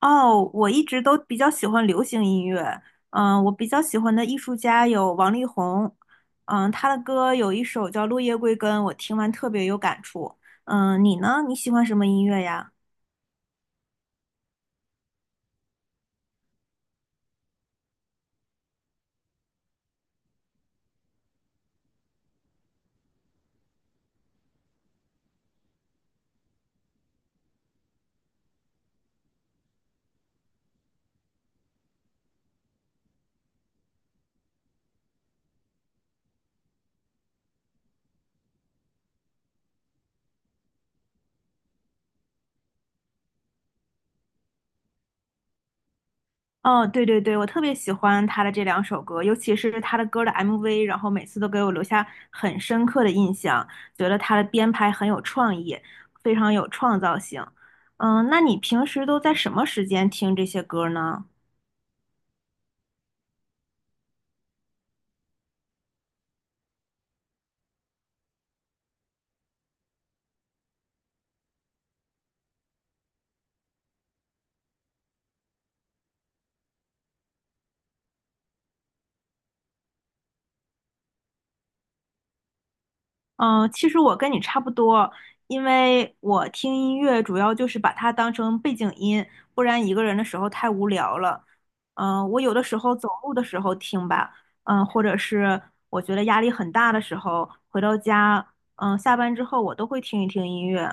哦，我一直都比较喜欢流行音乐。嗯，我比较喜欢的艺术家有王力宏，嗯，他的歌有一首叫《落叶归根》，我听完特别有感触。嗯，你呢？你喜欢什么音乐呀？哦，对对对，我特别喜欢他的这两首歌，尤其是他的歌的 MV，然后每次都给我留下很深刻的印象，觉得他的编排很有创意，非常有创造性。嗯，那你平时都在什么时间听这些歌呢？嗯，其实我跟你差不多，因为我听音乐主要就是把它当成背景音，不然一个人的时候太无聊了。嗯，我有的时候走路的时候听吧，嗯，或者是我觉得压力很大的时候，回到家，嗯，下班之后我都会听一听音乐。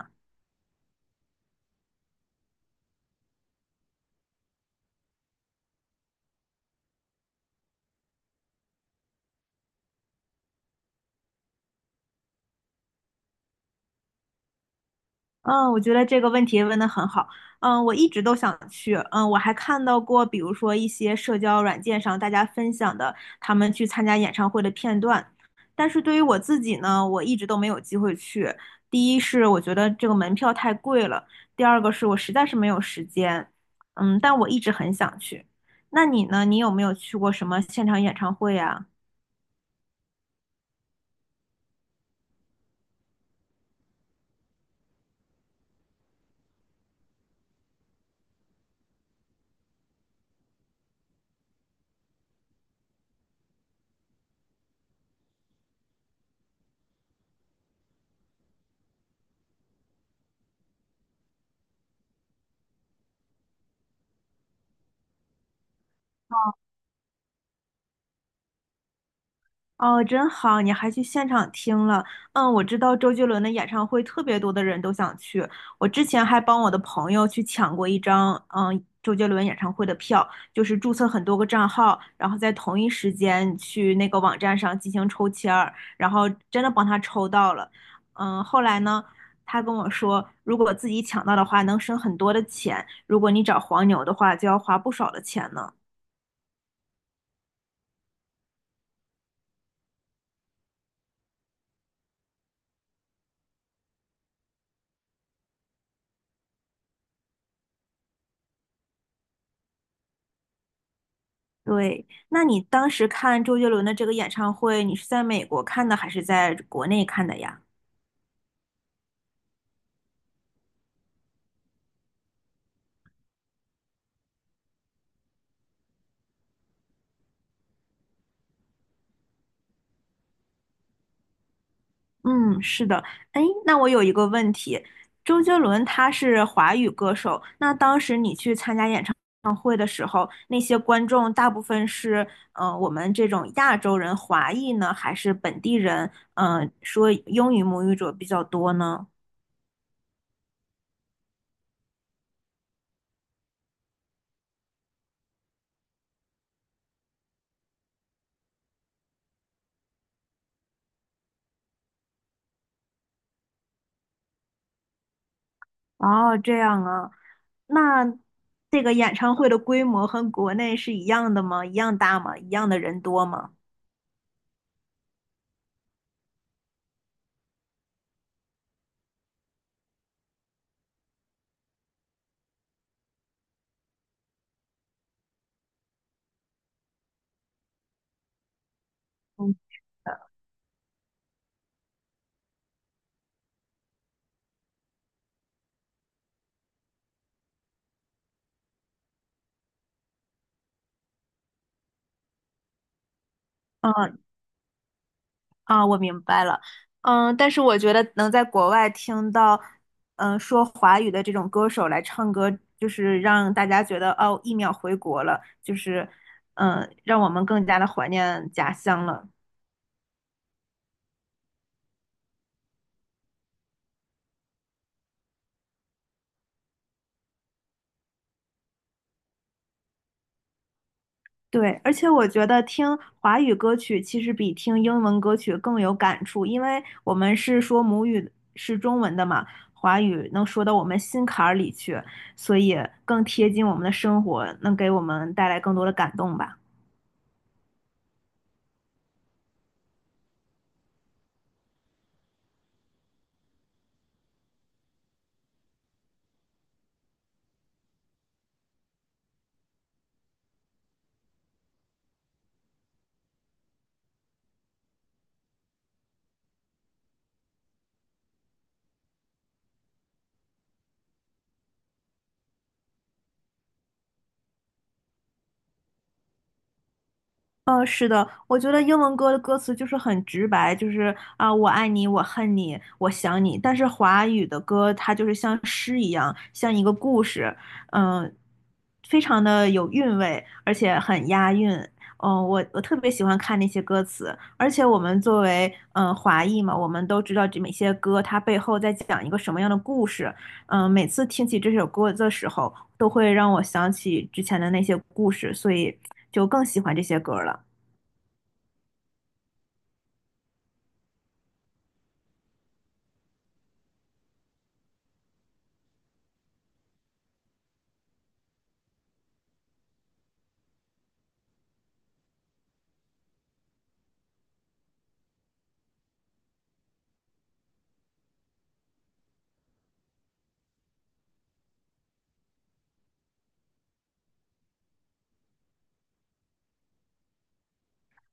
嗯，我觉得这个问题问得很好。嗯，我一直都想去。嗯，我还看到过，比如说一些社交软件上大家分享的他们去参加演唱会的片段。但是对于我自己呢，我一直都没有机会去。第一是我觉得这个门票太贵了，第二个是我实在是没有时间。嗯，但我一直很想去。那你呢？你有没有去过什么现场演唱会呀？哦，真好，你还去现场听了。嗯，我知道周杰伦的演唱会特别多的人都想去，我之前还帮我的朋友去抢过一张，嗯，周杰伦演唱会的票，就是注册很多个账号，然后在同一时间去那个网站上进行抽签儿，然后真的帮他抽到了。嗯，后来呢，他跟我说，如果自己抢到的话，能省很多的钱；如果你找黄牛的话，就要花不少的钱呢。对，那你当时看周杰伦的这个演唱会，你是在美国看的还是在国内看的呀？嗯，是的。哎，那我有一个问题，周杰伦他是华语歌手，那当时你去参加演唱会的时候，那些观众大部分是我们这种亚洲人、华裔呢，还是本地人？嗯、说英语母语者比较多呢？哦，这样啊，那这个演唱会的规模和国内是一样的吗？一样大吗？一样的人多吗？嗯，啊啊，我明白了。嗯，但是我觉得能在国外听到，嗯，说华语的这种歌手来唱歌，就是让大家觉得哦，一秒回国了，就是，嗯，让我们更加的怀念家乡了。对，而且我觉得听华语歌曲其实比听英文歌曲更有感触，因为我们是说母语是中文的嘛，华语能说到我们心坎儿里去，所以更贴近我们的生活，能给我们带来更多的感动吧。是的，我觉得英文歌的歌词就是很直白，就是啊、我爱你，我恨你，我想你。但是华语的歌，它就是像诗一样，像一个故事，嗯、非常的有韵味，而且很押韵。嗯、我特别喜欢看那些歌词，而且我们作为嗯、华裔嘛，我们都知道这每些歌它背后在讲一个什么样的故事。嗯、每次听起这首歌的时候，都会让我想起之前的那些故事，所以就更喜欢这些歌了。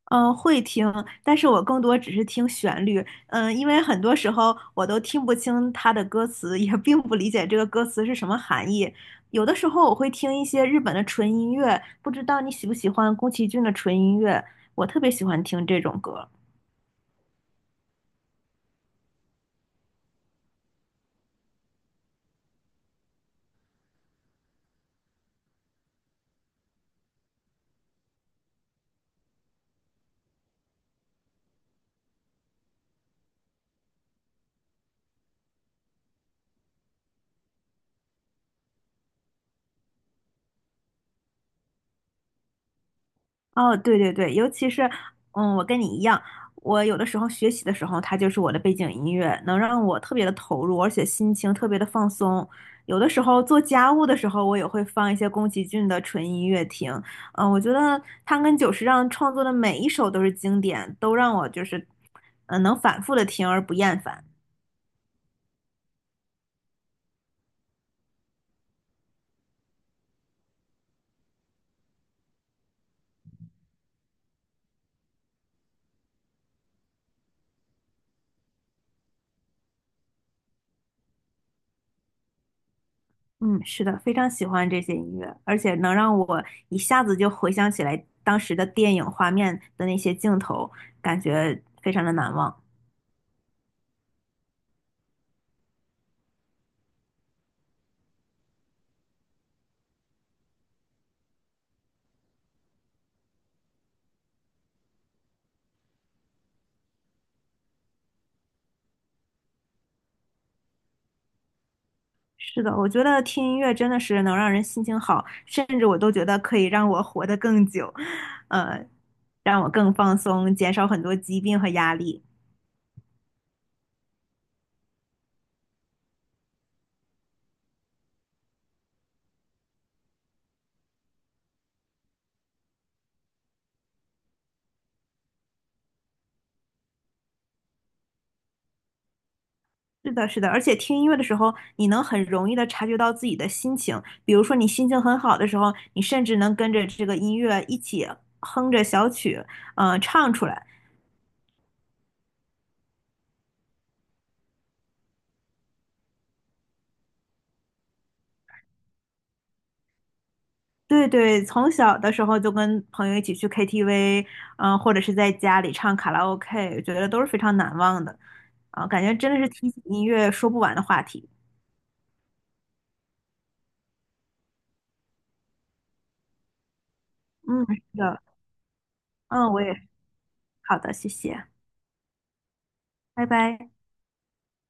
嗯，会听，但是我更多只是听旋律，嗯，因为很多时候我都听不清它的歌词，也并不理解这个歌词是什么含义。有的时候我会听一些日本的纯音乐，不知道你喜不喜欢宫崎骏的纯音乐，我特别喜欢听这种歌。哦，对对对，尤其是，嗯，我跟你一样，我有的时候学习的时候，它就是我的背景音乐，能让我特别的投入，而且心情特别的放松。有的时候做家务的时候，我也会放一些宫崎骏的纯音乐听。嗯，我觉得他跟久石让创作的每一首都是经典，都让我就是，嗯，能反复的听而不厌烦。嗯，是的，非常喜欢这些音乐，而且能让我一下子就回想起来当时的电影画面的那些镜头，感觉非常的难忘。是的，我觉得听音乐真的是能让人心情好，甚至我都觉得可以让我活得更久，呃，让我更放松，减少很多疾病和压力。是的，是的，而且听音乐的时候，你能很容易的察觉到自己的心情。比如说，你心情很好的时候，你甚至能跟着这个音乐一起哼着小曲，嗯、唱出来。对对，从小的时候就跟朋友一起去 KTV，嗯、或者是在家里唱卡拉 OK，觉得都是非常难忘的。啊、感觉真的是提起音乐说不完的话题。嗯，是的，嗯，我也是好的，谢谢，拜拜。